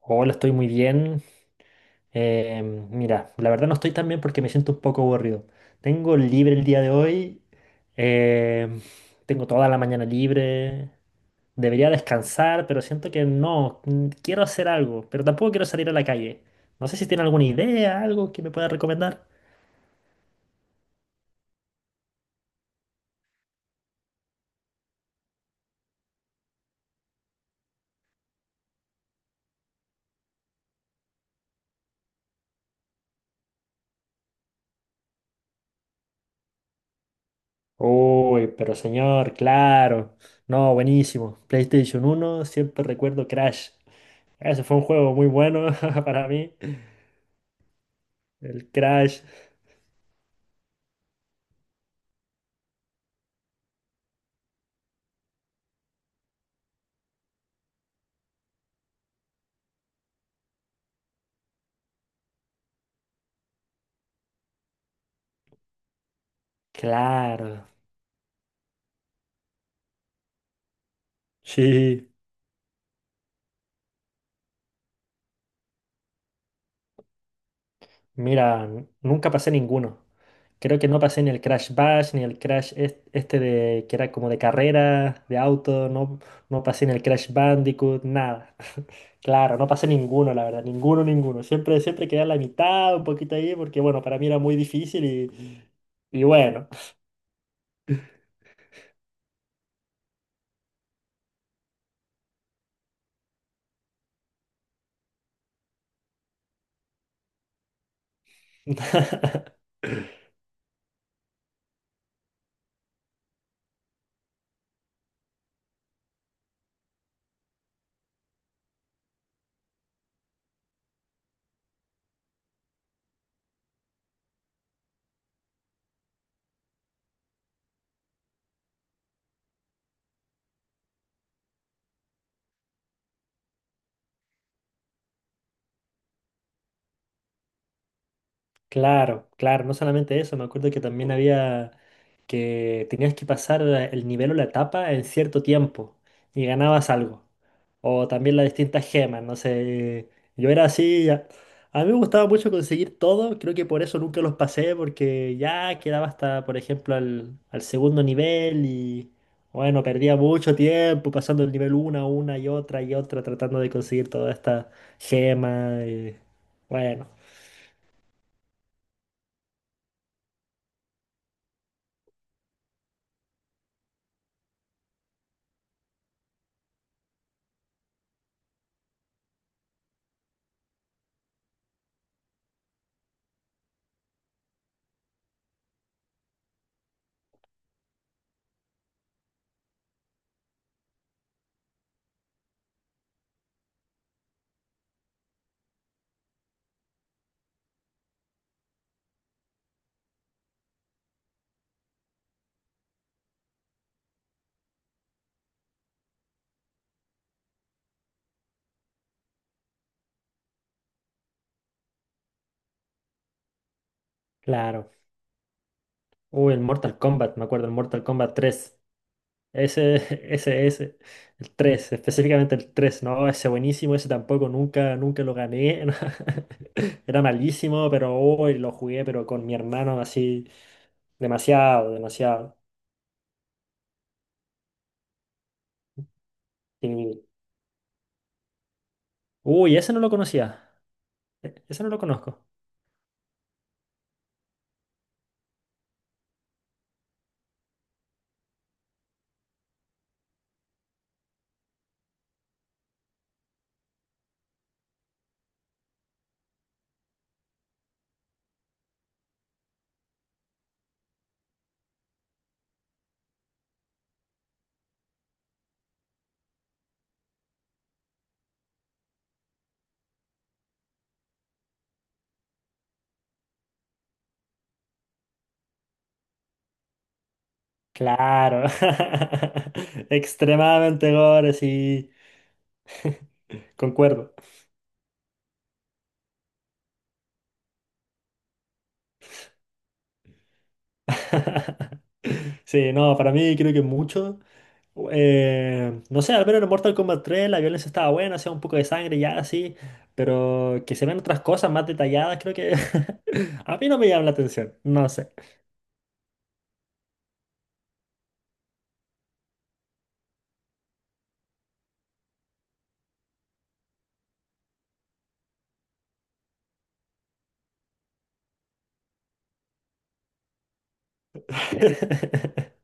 Hola, estoy muy bien. Eh, Mira, la verdad no estoy tan bien porque me siento un poco aburrido. Tengo libre el día de hoy. eh, Tengo toda la mañana libre. Debería descansar, pero siento que no. Quiero hacer algo, pero tampoco quiero salir a la calle. No sé si tiene alguna idea, algo que me pueda recomendar. Uy, pero señor, claro. No, buenísimo. PlayStation 1, siempre recuerdo Crash. Ese fue un juego muy bueno para mí. El Crash. Claro. Sí, mira, nunca pasé ninguno. Creo que no pasé ni el Crash Bash, ni el Crash este de que era como de carrera, de auto, no, no pasé ni el Crash Bandicoot, nada. Claro, no pasé ninguno, la verdad, ninguno, ninguno. Siempre, siempre quedé a la mitad, un poquito ahí, porque bueno, para mí era muy difícil y bueno. Claro, claro, no solamente eso, me acuerdo que también había... que tenías que pasar el nivel o la etapa en cierto tiempo y ganabas algo. O también las distintas gemas, no sé. Yo era así, a mí me gustaba mucho conseguir todo, creo que por eso nunca los pasé, porque ya quedaba hasta, por ejemplo, al segundo nivel y bueno, perdía mucho tiempo pasando el nivel una y otra, tratando de conseguir toda esta gema. Bueno, claro. Uy, el Mortal Kombat, me acuerdo, el Mortal Kombat 3. Ese, Ese, el 3 no, ese buenísimo, ese tampoco, nunca, nunca lo gané. Era malísimo, pero hoy lo jugué, pero con mi hermano así, demasiado, demasiado. Y- Uy, ese no lo conocía, ese no lo conozco. Claro, extremadamente gore, sí, concuerdo. Sí, no, para mí creo que mucho. No sé, al menos en Mortal Kombat 3 la violencia estaba buena, hacía un poco de sangre ya así, pero que se vean otras cosas más detalladas, creo que a mí no me llama la atención, no sé.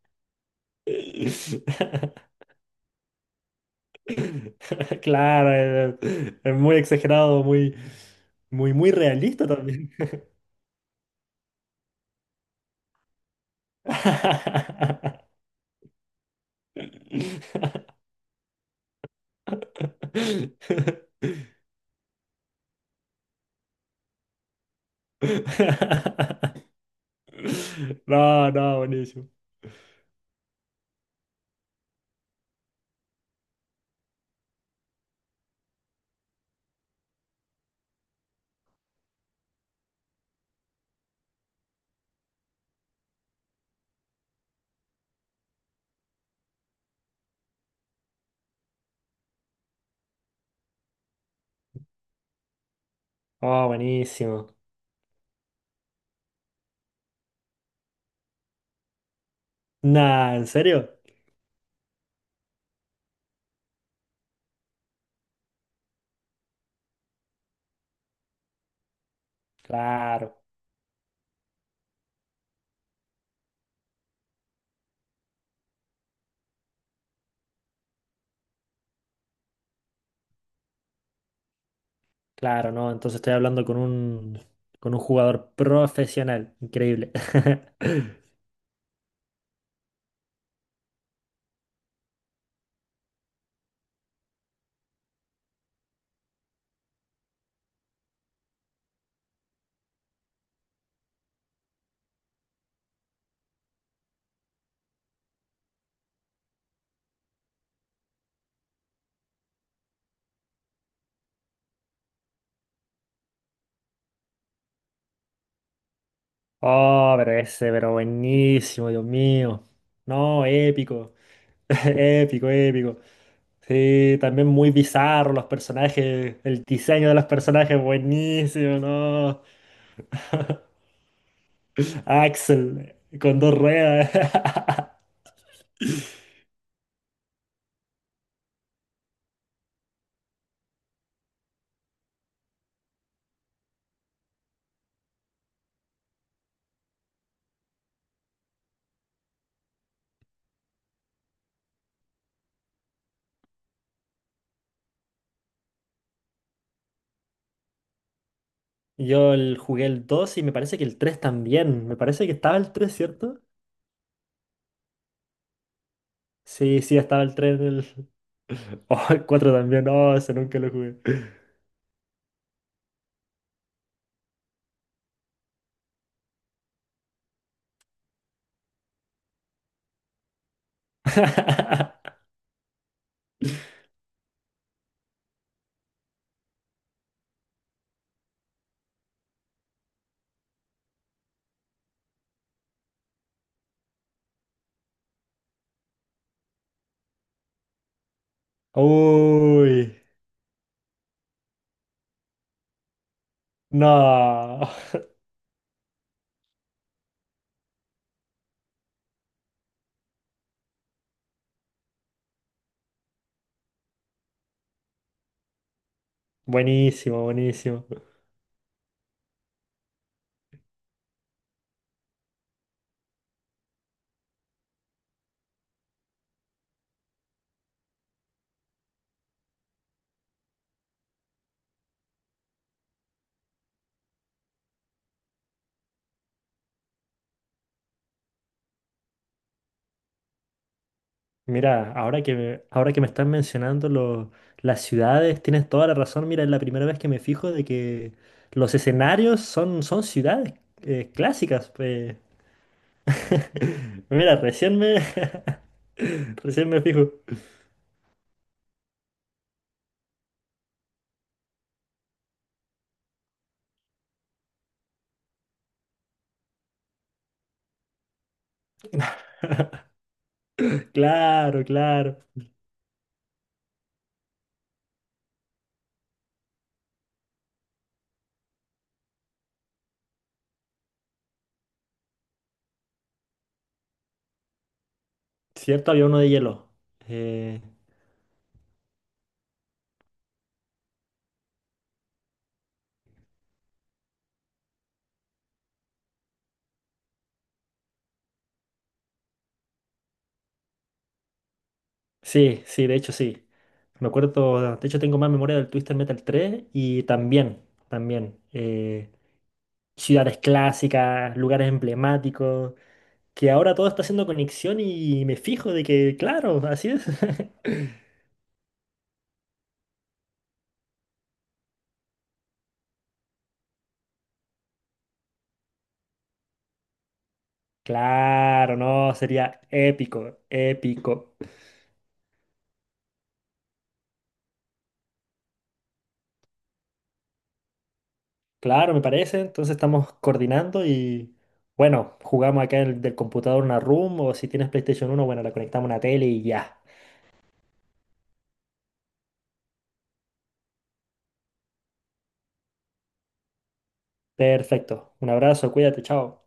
Claro, es muy exagerado, muy, muy, muy realista también. No, no, buenísimo. Oh, buenísimo. Nah, ¿en serio? Claro, claro, no. Entonces estoy hablando con un jugador profesional. Increíble. Oh, pero ese, pero buenísimo, Dios mío. No, épico. Épico, épico. Sí, también muy bizarro los personajes, el diseño de los personajes, buenísimo, ¿no? Axel, con dos ruedas. Yo jugué el 2 y me parece que el tres también. Me parece que estaba el tres, ¿cierto? Sí, sí, estaba el 3 en el... Oh, el 4 también. No, ese nunca lo jugué. Uy, no. Buenísimo, buenísimo. Mira, ahora que me están mencionando las ciudades, tienes toda la razón. Mira, es la primera vez que me fijo de que los escenarios son, son ciudades clásicas. Mira, recién me, recién me fijo. Claro, claro. Cierto, había uno de hielo. Eh, sí, sí, de hecho sí. Me acuerdo, de hecho tengo más memoria del Twister Metal 3 y también, también. Ciudades clásicas, lugares emblemáticos, que ahora todo está haciendo conexión y me fijo de que, claro, así es. Claro, no, sería épico, épico. Claro, me parece. Entonces estamos coordinando y bueno, jugamos acá el, del computador una room o si tienes PlayStation 1, bueno, la conectamos a una tele y ya. Perfecto. Un abrazo, cuídate, chao.